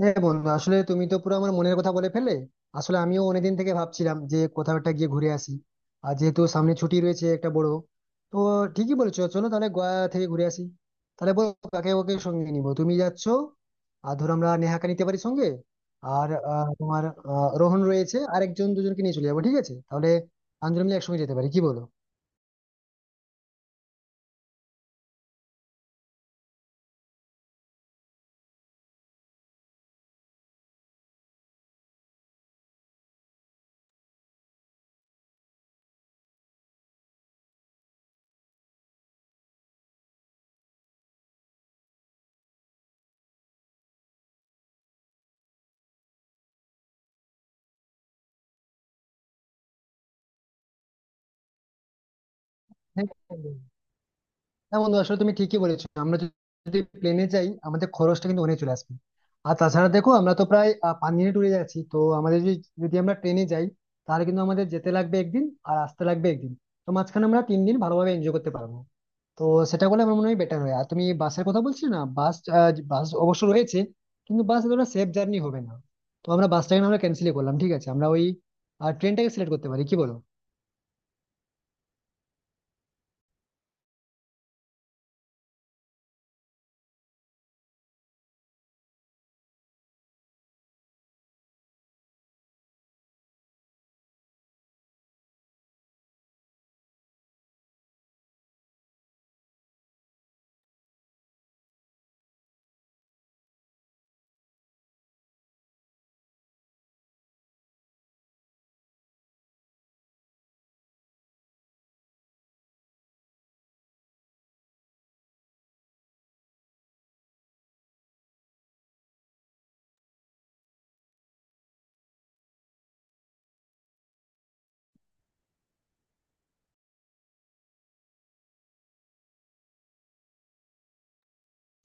হ্যাঁ বন্ধু, আসলে তুমি তো পুরো আমার মনের কথা বলে ফেলে। আসলে আমিও অনেকদিন থেকে ভাবছিলাম যে কোথাও একটা গিয়ে ঘুরে আসি। আর যেহেতু সামনে ছুটি রয়েছে একটা বড়, তো ঠিকই বলেছো, চলো তাহলে গোয়া থেকে ঘুরে আসি। তাহলে বলো, কাকে ওকে সঙ্গে নিবো, তুমি যাচ্ছ? আর ধরো, আমরা নেহাকে নিতে পারি সঙ্গে। আর তোমার রোহন রয়েছে, আর একজন দুজনকে নিয়ে চলে যাবো, ঠিক আছে? তাহলে আঞ্জন মিলে একসঙ্গে যেতে পারি, কি বলো? হ্যাঁ, হ্যাঁ বন্ধু, আসলে তুমি ঠিকই বলেছো, আমরা যদি প্লেনে যাই আমাদের খরচটা কিন্তু অনেক চলে আসবে। আর তাছাড়া দেখো, আমরা তো প্রায় 5 দিনে ট্যুরে যাচ্ছি, তো আমাদের যদি, যদি আমরা ট্রেনে যাই, তাহলে কিন্তু আমাদের যেতে লাগবে একদিন, আর আসতে লাগবে একদিন। তো মাঝখানে আমরা 3 দিন ভালোভাবে এনজয় করতে পারবো। তো সেটা করলে আমার মনে হয় বেটার হয়। আর তুমি বাসের কথা বলছিলে না, বাস বাস অবশ্য রয়েছে, কিন্তু বাস এতটা সেফ জার্নি হবে না। তো আমরা বাসটাকে না, আমরা ক্যান্সেলই করলাম, ঠিক আছে? আমরা ওই ট্রেনটাকে সিলেক্ট করতে পারি, কি বলো?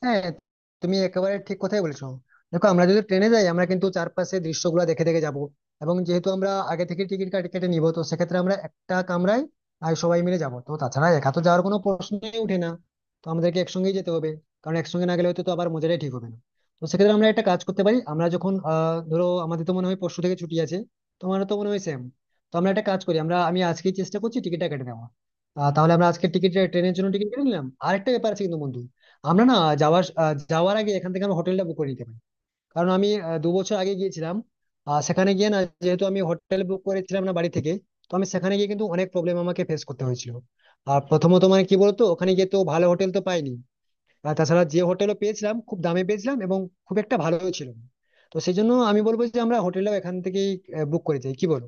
হ্যাঁ, তুমি একেবারে ঠিক কথাই বলেছো। দেখো, আমরা যদি ট্রেনে যাই আমরা কিন্তু চারপাশে দৃশ্যগুলো দেখে দেখে যাব। এবং যেহেতু আমরা আগে থেকে টিকিট কেটে নিব, তো সেক্ষেত্রে আমরা একটা কামরায় আর সবাই মিলে যাব। তো তাছাড়া একা তো যাওয়ার কোনো প্রশ্নই উঠে না। তো আমাদেরকে একসঙ্গেই যেতে হবে, কারণ একসঙ্গে না গেলে হয়তো তো আবার মজাটাই ঠিক হবে না। তো সেক্ষেত্রে আমরা একটা কাজ করতে পারি। আমরা যখন ধরো, আমাদের তো মনে হয় পরশু থেকে ছুটি আছে, তোমারও তো মনে হয় সেম। তো আমরা একটা কাজ করি, আমি আজকেই চেষ্টা করছি টিকিটটা কেটে নেওয়া। তাহলে আমরা আজকে টিকিট, ট্রেনের জন্য টিকিট কেটে নিলাম। আরেকটা ব্যাপার আছে কিন্তু বন্ধু, আমরা না, যাওয়ার যাওয়ার আগে এখান থেকে আমরা হোটেলটা বুক করে নিতে পারি। কারণ আমি 2 বছর আগে গিয়েছিলাম, সেখানে গিয়ে না, যেহেতু আমি হোটেল বুক করেছিলাম না বাড়ি থেকে, তো আমি সেখানে গিয়ে কিন্তু অনেক প্রবলেম আমাকে ফেস করতে হয়েছিল। আর প্রথমত মানে কি বলতো, ওখানে গিয়ে তো ভালো হোটেল তো পাইনি। আর তাছাড়া যে হোটেলও পেয়েছিলাম, খুব দামে পেয়েছিলাম, এবং খুব একটা ভালো ছিল না। তো সেই জন্য আমি বলবো যে আমরা হোটেলটাও এখান থেকেই বুক করে যাই, কি বলো?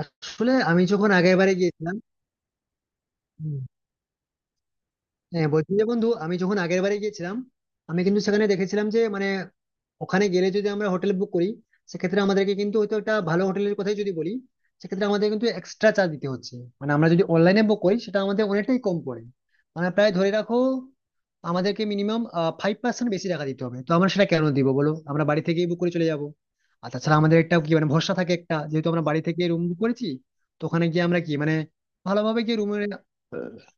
আসলে আমি যখন আগের বারে গিয়েছিলাম, হ্যাঁ, বলছি যে বন্ধু, আমি যখন আগের বারে গিয়েছিলাম আমি কিন্তু সেখানে দেখেছিলাম যে মানে, ওখানে গেলে যদি আমরা হোটেল বুক করি, সেক্ষেত্রে আমাদেরকে কিন্তু হয়তো একটা ভালো হোটেলের কথাই যদি বলি, সেক্ষেত্রে আমাদের কিন্তু এক্সট্রা চার্জ দিতে হচ্ছে। মানে আমরা যদি অনলাইনে বুক করি সেটা আমাদের অনেকটাই কম পড়ে। মানে প্রায় ধরে রাখো, আমাদেরকে মিনিমাম 5% বেশি টাকা দিতে হবে, তো আমরা সেটা কেন দিব বলো, আমরা বাড়ি থেকেই বুক করে চলে যাবো। আর তাছাড়া আমাদের একটা কি মানে ভরসা থাকে একটা, যেহেতু আমরা বাড়ি থেকে রুম বুক করেছি, তো ওখানে গিয়ে আমরা কি মানে ভালোভাবে গিয়ে রুমে,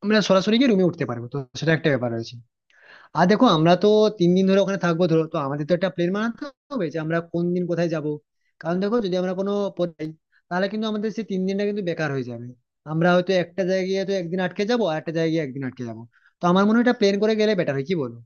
আমরা সরাসরি গিয়ে রুমে উঠতে পারবো, তো সেটা একটা ব্যাপার রয়েছে। আর দেখো, আমরা তো 3 দিন ধরে ওখানে থাকবো, ধরো তো আমাদের তো একটা প্ল্যান বানাতে হবে যে আমরা কোন দিন কোথায় যাব। কারণ দেখো, যদি আমরা কোনো পথে যাই, তাহলে কিন্তু আমাদের সেই 3 দিনটা কিন্তু বেকার হয়ে যাবে। আমরা হয়তো একটা জায়গায় গিয়ে তো একদিন আটকে যাবো, আর একটা জায়গায় গিয়ে একদিন আটকে যাবো। তো আমার মনে হয় এটা প্ল্যান করে গেলে বেটার হয়, কি বলো?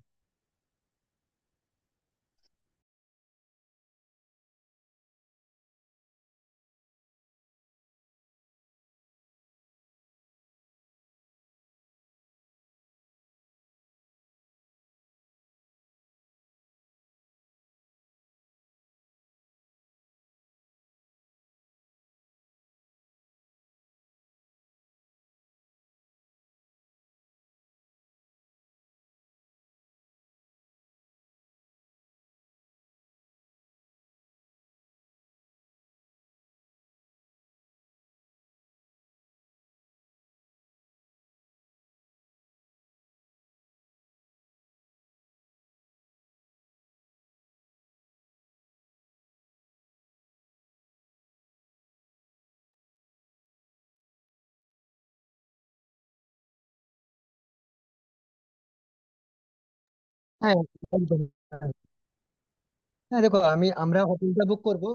হ্যাঁ, একদম। হ্যাঁ দেখো, আমরা হোটেলটা বুক করবো।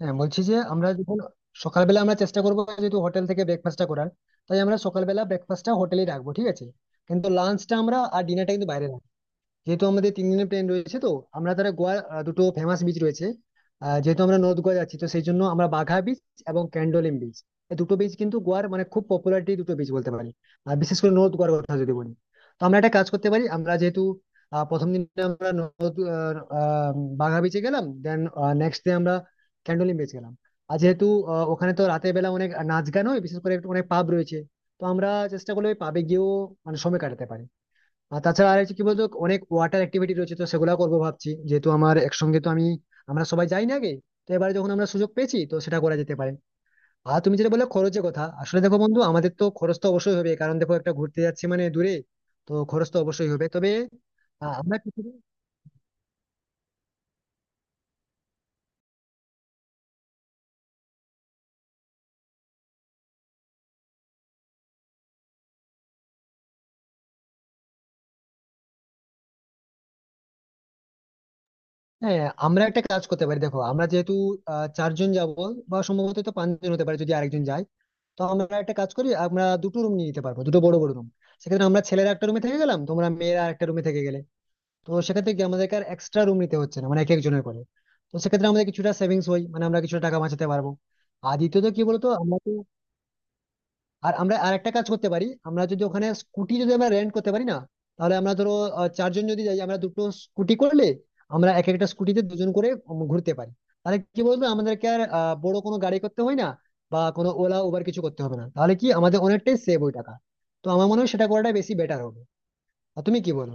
হ্যাঁ, বলছি যে আমরা যখন সকালবেলা আমরা চেষ্টা করবো, যেহেতু হোটেল থেকে ব্রেকফাস্টটা করার, তাই আমরা সকালবেলা ব্রেকফাস্টটা হোটেলেই রাখবো, ঠিক আছে। কিন্তু লাঞ্চটা আমরা আর ডিনারটা কিন্তু বাইরে রাখবো না। যেহেতু আমাদের 3 দিনের প্ল্যান রয়েছে, তো আমরা তাহলে গোয়া দুটো ফেমাস বিচ রয়েছে, যেহেতু আমরা নর্থ গোয়া যাচ্ছি, তো সেই জন্য আমরা বাঘা বিচ এবং ক্যান্ডোলিম বিচ, এই দুটো বিচ কিন্তু গোয়ার মানে খুব পপুলারিটি দুটো বিচ বলতে পারি। আর বিশেষ করে নর্থ গোয়ার কথা যদি বলি, তো আমরা একটা কাজ করতে পারি, আমরা যেহেতু প্রথম দিন আমরা নর্থ আহ, আহ, বাঘা বিচে গেলাম, দেন নেক্সট ডে আমরা ক্যান্ডোলিম বিচ গেলাম। আর যেহেতু ওখানে তো রাতের বেলা অনেক নাচ গান হয়, বিশেষ করে একটু অনেক পাব রয়েছে, তো আমরা চেষ্টা করলে ওই পাবে গিয়েও মানে সময় কাটাতে পারি। আর তাছাড়া আর হচ্ছে কি বলতো, অনেক ওয়াটার অ্যাক্টিভিটি রয়েছে, তো সেগুলো করবো ভাবছি, যেহেতু আমার একসঙ্গে তো আমি, আমরা সবাই যাই না আগে, তো এবারে যখন আমরা সুযোগ পেয়েছি, তো সেটা করা যেতে পারে। আর তুমি যেটা বললে খরচের কথা, আসলে দেখো বন্ধু, আমাদের তো খরচ তো অবশ্যই হবে, কারণ দেখো একটা ঘুরতে যাচ্ছি মানে দূরে, তো খরচ তো অবশ্যই হবে, তবে আমরা কিছু-, হ্যাঁ, আমরা একটা কাজ করতে পারি। দেখো, আমরা যেহেতু চারজন যাব বা সম্ভবত তো পাঁচজন হতে পারে যদি আরেকজন যায়, তো আমরা একটা কাজ করি, আমরা দুটো রুম নিয়ে নিতে পারবো, দুটো বড় বড় রুম। সেক্ষেত্রে আমরা ছেলেরা একটা রুমে থেকে গেলাম, তোমরা মেয়েরা একটা রুমে থেকে গেলে, তো সেক্ষেত্রে কি আমাদেরকে আর এক্সট্রা রুম নিতে হচ্ছে না, মানে এক একজনের করে। তো সেক্ষেত্রে আমাদের কিছুটা সেভিংস হয়, মানে আমরা কিছুটা টাকা বাঁচাতে পারবো। আর দ্বিতীয়ত কি বলতো, আমরা তো, আর একটা কাজ করতে পারি, আমরা যদি ওখানে স্কুটি যদি আমরা রেন্ট করতে পারি না, তাহলে আমরা ধরো, চারজন যদি যাই আমরা দুটো স্কুটি করলে আমরা এক একটা স্কুটিতে দুজন করে ঘুরতে পারি। তাহলে কি বলতো, আমাদেরকে আর বড় কোনো গাড়ি করতে হয় না, বা কোনো ওলা উবার কিছু করতে হবে না, তাহলে কি আমাদের অনেকটাই সেভ ওই টাকা। তো আমার মনে হয় সেটা করাটাই বেশি বেটার হবে, আর তুমি কি বলো?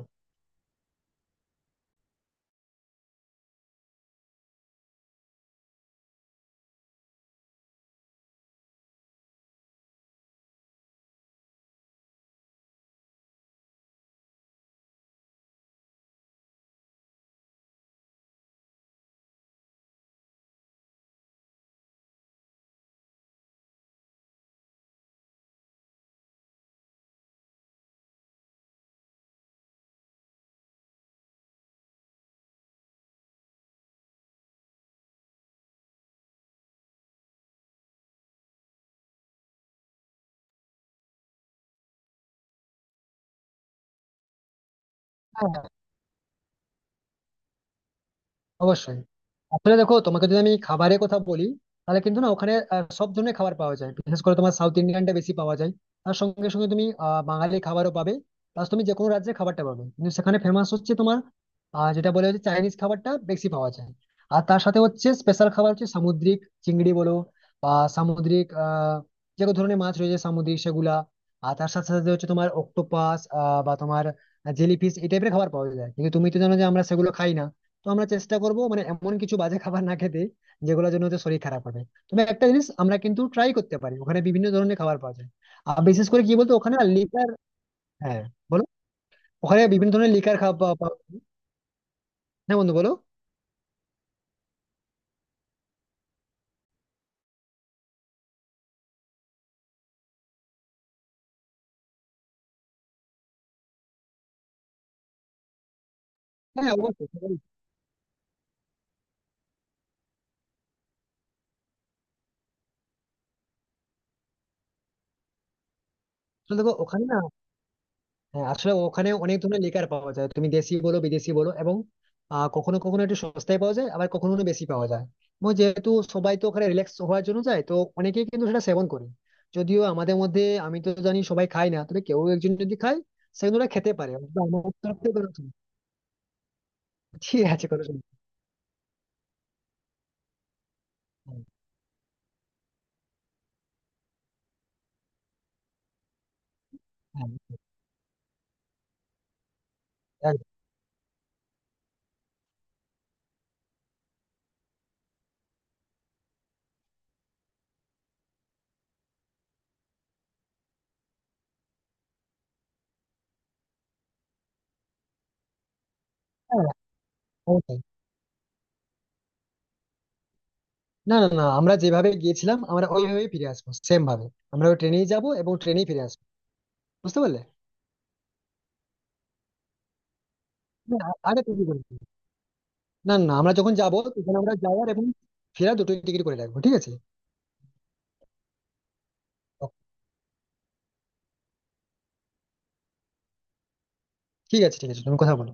অবশ্যই। আসলে দেখো, তোমাকে যদি আমি খাবারের কথা বলি, তাহলে কিন্তু না, ওখানে সব ধরনের খাবার পাওয়া যায়, বিশেষ করে তোমার সাউথ ইন্ডিয়ানটা বেশি পাওয়া যায়। তার সঙ্গে সঙ্গে তুমি বাঙালি খাবারও পাবে, প্লাস তুমি যে কোনো রাজ্যের খাবারটা পাবে। কিন্তু সেখানে ফেমাস হচ্ছে তোমার যেটা বলে হচ্ছে, চাইনিজ খাবারটা বেশি পাওয়া যায়। আর তার সাথে হচ্ছে স্পেশাল খাবার হচ্ছে সামুদ্রিক, চিংড়ি বলো বা সামুদ্রিক যে কোনো ধরনের মাছ রয়েছে সামুদ্রিক, সেগুলা আর তার সাথে সাথে হচ্ছে তোমার অক্টোপাস বা তোমার জেলিফিশ, এই টাইপের খাবার পাওয়া যায়, কিন্তু তুমি তো জানো যে আমরা সেগুলো খাই না। তো আমরা চেষ্টা করব, মানে এমন কিছু বাজে খাবার না খেতে যেগুলোর জন্য হচ্ছে শরীর খারাপ হবে। তবে একটা জিনিস আমরা কিন্তু ট্রাই করতে পারি, ওখানে বিভিন্ন ধরনের খাবার পাওয়া যায়। আর বিশেষ করে কি বলতো, ওখানে লিকার, হ্যাঁ বলো, ওখানে বিভিন্ন ধরনের লিকার খাওয়া পাওয়া পাওয়া- হ্যাঁ বন্ধু, বলো, হ্যাঁ অবশ্যই, আসলে দেখো ওখানে না, হ্যাঁ, আসলে ওখানে অনেক ধরনের লিকার পাওয়া যায়, তুমি দেশি বলো বিদেশি বলো, এবং কখনো কখনো একটু সস্তায় পাওয়া যায়, আবার কখনো কখনো বেশি পাওয়া যায়। এবং যেহেতু সবাই তো ওখানে রিল্যাক্স হওয়ার জন্য যায়, তো অনেকেই কিন্তু সেটা সেবন করে। যদিও আমাদের মধ্যে আমি তো জানি সবাই খায় না, তবে কেউ একজন যদি খায়, সে কিন্তু ওটা খেতে পারে, অন্তত আমার তরফ থেকে কোনো অসুবিধা নেই। ঠিক আছে, কোনো সমস্যা নেই। হ্যাঁ, হ্যাঁ, হ্যাঁ, হ্যাঁ, অবশ্যই। না, না, না, আমরা যেভাবে গিয়েছিলাম আমরা ওইভাবেই ফিরে আসবো, সেম ভাবে। আমরা ওই ট্রেনেই যাবো এবং ট্রেনেই ফিরে আসবো। বুঝতে পারলে? না, আরে তুমি, না, না, আমরা যখন যাবো তখন আমরা যাওয়ার এবং ফেরার দুটোই টিকিট করে রাখবো, ঠিক আছে। ঠিক আছে, ঠিক আছে, তুমি কথা বলো।